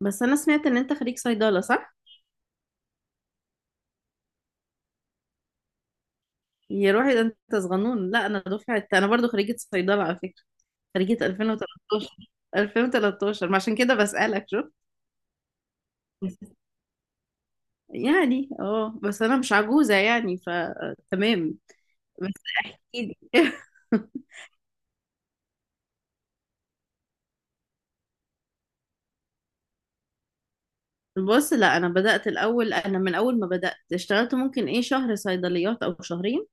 بس انا سمعت ان انت خريج صيدله، صح؟ يا روحي، ده انت صغنون. لا، انا دفعت، انا برضو خريجه صيدله على فكره. خريجه 2013. 2013 ما عشان كده بسالك. شو يعني، بس انا مش عجوزه يعني، فتمام. بس احكي لي. بص، لا انا بدات الاول، انا من اول ما بدات اشتغلت ممكن ايه شهر صيدليات او شهرين.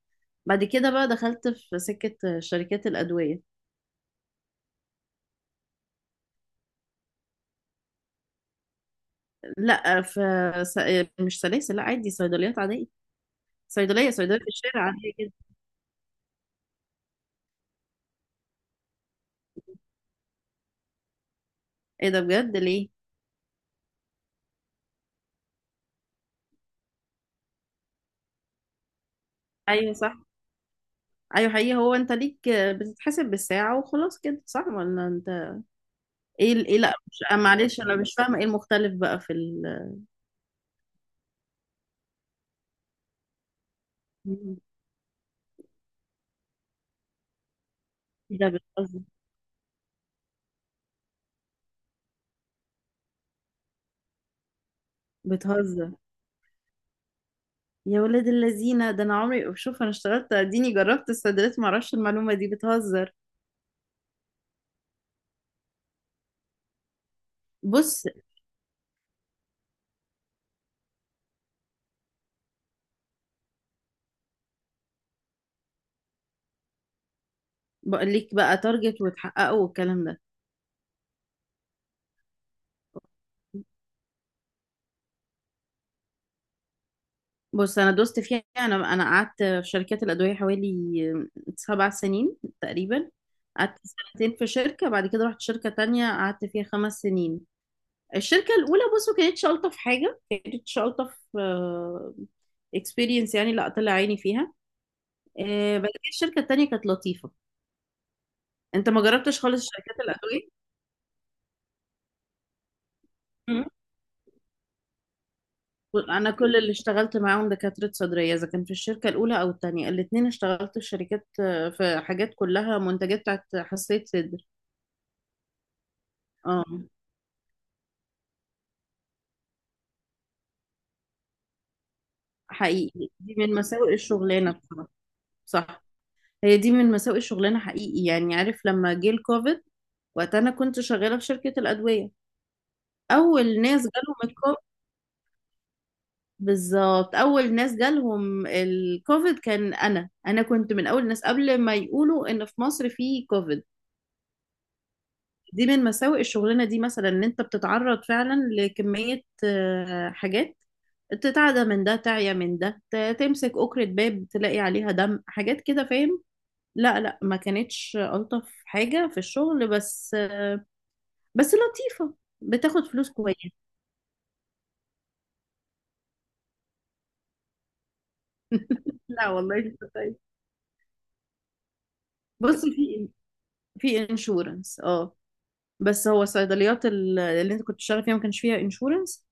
بعد كده بقى دخلت في سكه شركات الادويه. لا، في س- مش سلاسل، لا عادي صيدليات عاديه. صيدلية صيدلية في الشارع، عادية جدا. ايه ده بجد؟ ليه؟ ايوه صح. ايوه حقيقي. هو انت ليك بتتحسب بالساعة وخلاص كده، صح ولا انت؟ ايه ال- ايه لا، مش، معلش انا مش فاهمة ايه المختلف بقى في ال. مم. إيه ده، بتهزر؟ بتهزر؟ يا ولاد اللذينة، ده انا عمري شوف انا اشتغلت اديني جربت الصيدليات معرفش المعلومة دي. بتهزر؟ بص، بقول لك بقى تارجت وتحققه والكلام ده. بص، انا دوست فيها، انا قعدت في شركات الادويه حوالي 7 سنين تقريبا. قعدت سنتين في شركه، بعد كده رحت شركه تانية قعدت فيها 5 سنين. الشركه الاولى بصوا كانت شلطه في حاجه، كانت شلطه في اكسبيرينس يعني، لا طلع عيني فيها. بعد كده الشركه التانية كانت لطيفه. انت ما جربتش خالص شركات الادويه؟ مم. انا كل اللي اشتغلت معاهم دكاتره صدريه، اذا كان في الشركه الاولى او التانية الاتنين اشتغلت في شركات، في حاجات كلها منتجات بتاعت حساسيه صدر. اه، حقيقي دي من مساوئ الشغلانه بصراحه. صح. هي دي من مساوئ الشغلانه حقيقي يعني، عارف لما جه الكوفيد؟ وقت انا كنت شغاله في شركه الادويه اول ناس جالهم الكوفيد. بالظبط اول ناس جالهم الكوفيد كان انا، انا كنت من اول الناس قبل ما يقولوا ان في مصر في كوفيد. دي من مساوئ الشغلانه دي مثلا، ان انت بتتعرض فعلا لكميه، حاجات تتعدى من ده، تعيا من ده، تمسك أكرة باب تلاقي عليها دم، حاجات كده، فاهم؟ لا لا، ما كانتش ألطف حاجة في الشغل، بس لطيفة، بتاخد فلوس كويس. لا والله، مش طيب. بص، في انشورنس اه. بس هو الصيدليات اللي انت كنت بتشتغل فيها ما كانش فيها انشورنس؟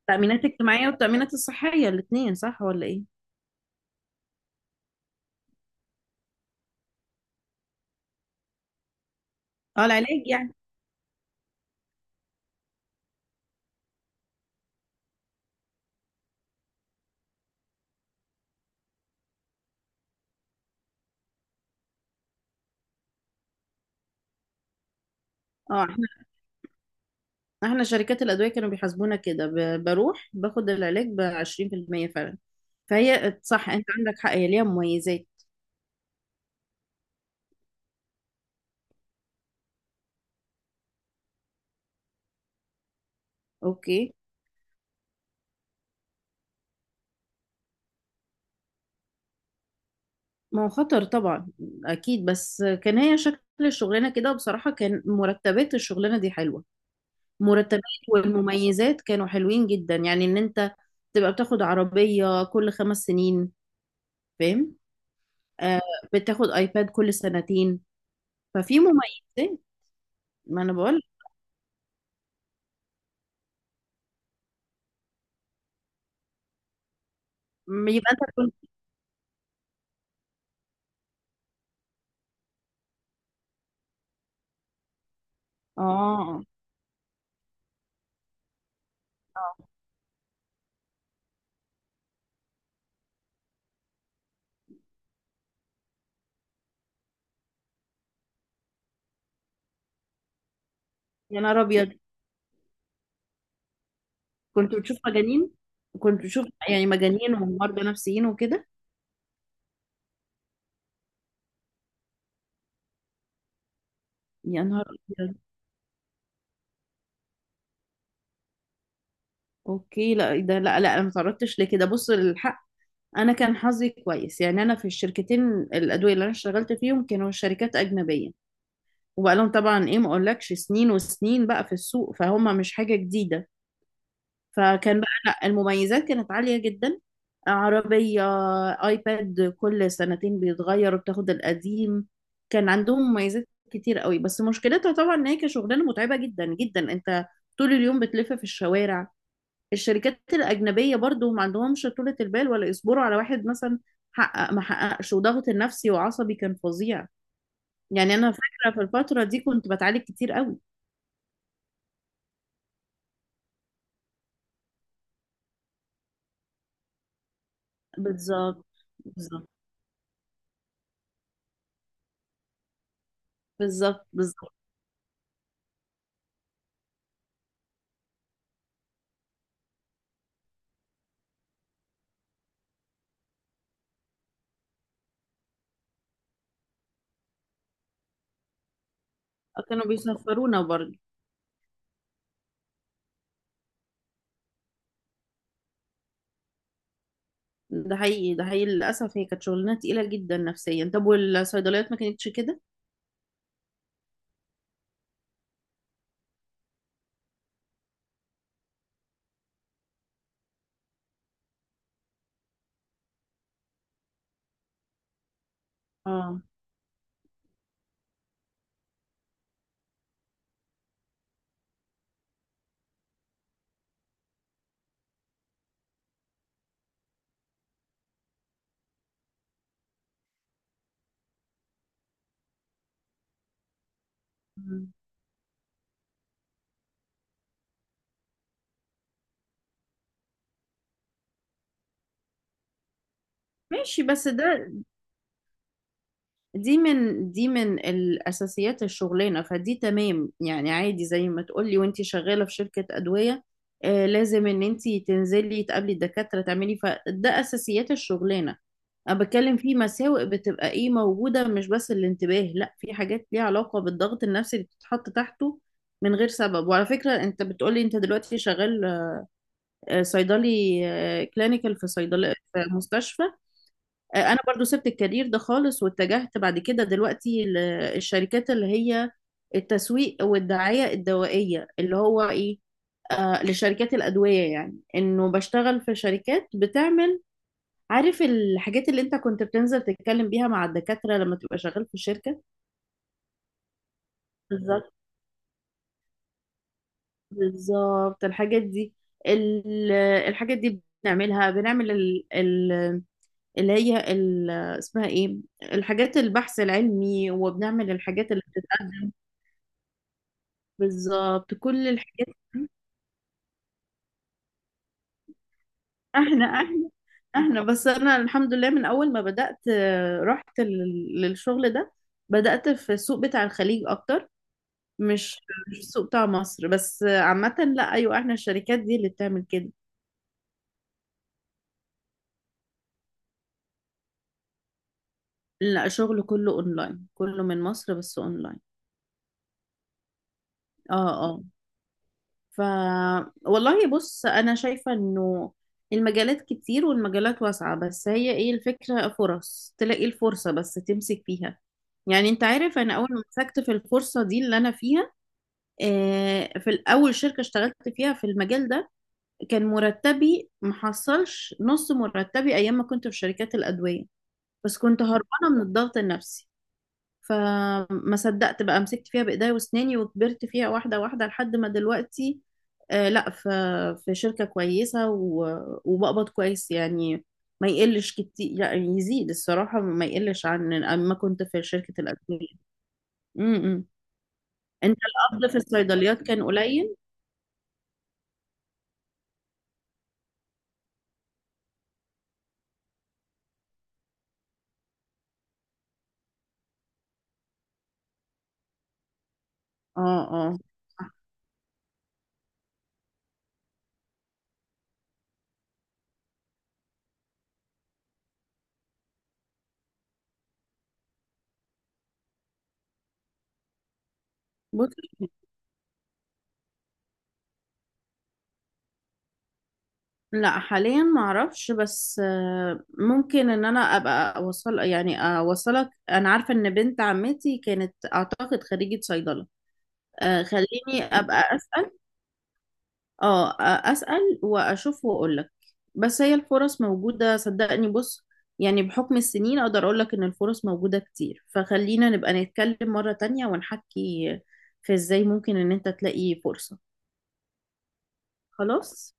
التأمينات الاجتماعية والتأمينات الصحية الاتنين، صح ولا ايه؟ اه، العلاج يعني. اه، احنا شركات الأدوية كانوا بيحاسبونا كده، بروح باخد العلاج ب 20% فعلا، فهي صح، انت عندك حق، هي ليها مميزات. اوكي. ما هو خطر طبعا، اكيد، بس كان هي شكل الشغلانه كده بصراحه، كان مرتبات الشغلانه دي حلوه. مرتبات والمميزات كانوا حلوين جدا، يعني ان انت تبقى بتاخد عربيه كل 5 سنين، فاهم؟ آه. بتاخد ايباد كل سنتين. ففي مميزات. ما انا بقول، يبقى انت كنت. اه. اه. آه. يا نهار ابيض، كنت بتشوف مجانين؟ كنت بتشوف يعني مجانين ومرضى نفسيين وكده. يا نهار ابيض. اوكي لا ده، لا لا انا ما تعرضتش لكده. بص الحق، انا كان حظي كويس يعني، انا في الشركتين الادويه اللي انا اشتغلت فيهم كانوا شركات اجنبيه، وبقى لهم طبعا ايه ما اقولكش سنين وسنين بقى في السوق، فهم مش حاجه جديده، فكان بقى لا المميزات كانت عاليه جدا. عربيه، ايباد كل سنتين بيتغير وبتاخد القديم. كان عندهم مميزات كتير قوي، بس مشكلتها طبعا ان هي كشغلانه متعبه جدا جدا. انت طول اليوم بتلف في الشوارع. الشركات الأجنبية برضو ما عندهمش طولة البال، ولا يصبروا على واحد مثلا حقق ما حققش، وضغط النفسي وعصبي كان فظيع. يعني أنا فاكرة في الفترة دي كنت بتعالج كتير قوي. بالظبط بالظبط. بالظبط بالظبط. كانوا بيسفرونا برضو. ده حقيقي. ده حقيقي، للأسف هي كانت شغلانة تقيلة جدا نفسيا. طب والصيدليات ما كانتش كده؟ اه. مم. ماشي، بس ده دي من دي من الأساسيات الشغلانة، فدي تمام يعني عادي، زي ما تقولي وانتي شغالة في شركة أدوية، آه لازم ان انتي تنزلي تقابلي الدكاترة تعملي، فده أساسيات الشغلانة. أنا بتكلم في مساوئ بتبقى ايه موجودة، مش بس الانتباه، لا في حاجات ليها علاقة بالضغط النفسي اللي بتتحط تحته من غير سبب. وعلى فكرة انت بتقولي انت دلوقتي شغال، صيدلي كلينيكال في صيدلة في مستشفى. انا برضو سبت الكارير ده خالص واتجهت بعد كده دلوقتي للشركات اللي هي التسويق والدعاية الدوائية اللي هو ايه، آه لشركات الأدوية، يعني انه بشتغل في شركات بتعمل، عارف الحاجات اللي انت كنت بتنزل تتكلم بيها مع الدكاترة لما تبقى شغال في شركة. بالظبط بالظبط الحاجات دي. ال- الحاجات دي بنعملها، بنعمل ال اللي هي اسمها ايه، الحاجات البحث العلمي، وبنعمل الحاجات اللي بتتقدم. بالظبط كل الحاجات دي. احنا احنا احنا بس انا الحمد لله، من اول ما بدأت رحت للشغل ده، بدأت في السوق بتاع الخليج اكتر، مش مش السوق بتاع مصر بس، آه عامة. لا ايوه، احنا الشركات دي اللي بتعمل كده. لا، شغل كله اونلاين، كله من مصر بس اونلاين. اه. اه. ف والله بص، انا شايفة انه المجالات كتير والمجالات واسعة، بس هي ايه الفكرة، فرص تلاقي الفرصة بس تمسك فيها. يعني انت عارف انا اول ما مسكت في الفرصة دي اللي انا فيها، في الاول شركة اشتغلت فيها في المجال ده، كان مرتبي محصلش نص مرتبي ايام ما كنت في شركات الادوية، بس كنت هربانة من الضغط النفسي، فما صدقت بقى، مسكت فيها بايديا واسناني، وكبرت فيها واحده واحده لحد ما دلوقتي، آه لا في شركه كويسه، وبقبض كويس يعني، ما يقلش كتير يعني، يزيد الصراحه، ما يقلش عن ما كنت في شركه الادويه. إمم. انت القبض في الصيدليات كان قليل. اه. اه. بص لا، حاليا ما اعرفش، بس ممكن ان انا ابقى اوصل يعني اوصلك، انا عارفه ان بنت عمتي كانت اعتقد خريجه صيدله. آه، خليني ابقى اسال. اه، اسال واشوف واقول لك. بس هي الفرص موجوده، صدقني بص، يعني بحكم السنين اقدر اقول لك ان الفرص موجوده كتير، فخلينا نبقى نتكلم مره تانية ونحكي في ازاي ممكن ان انت تلاقي فرصه. خلاص.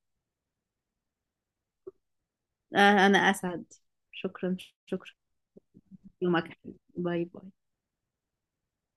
آه، انا اسعد. شكرا. شكرا. يومك حلو. باي باي.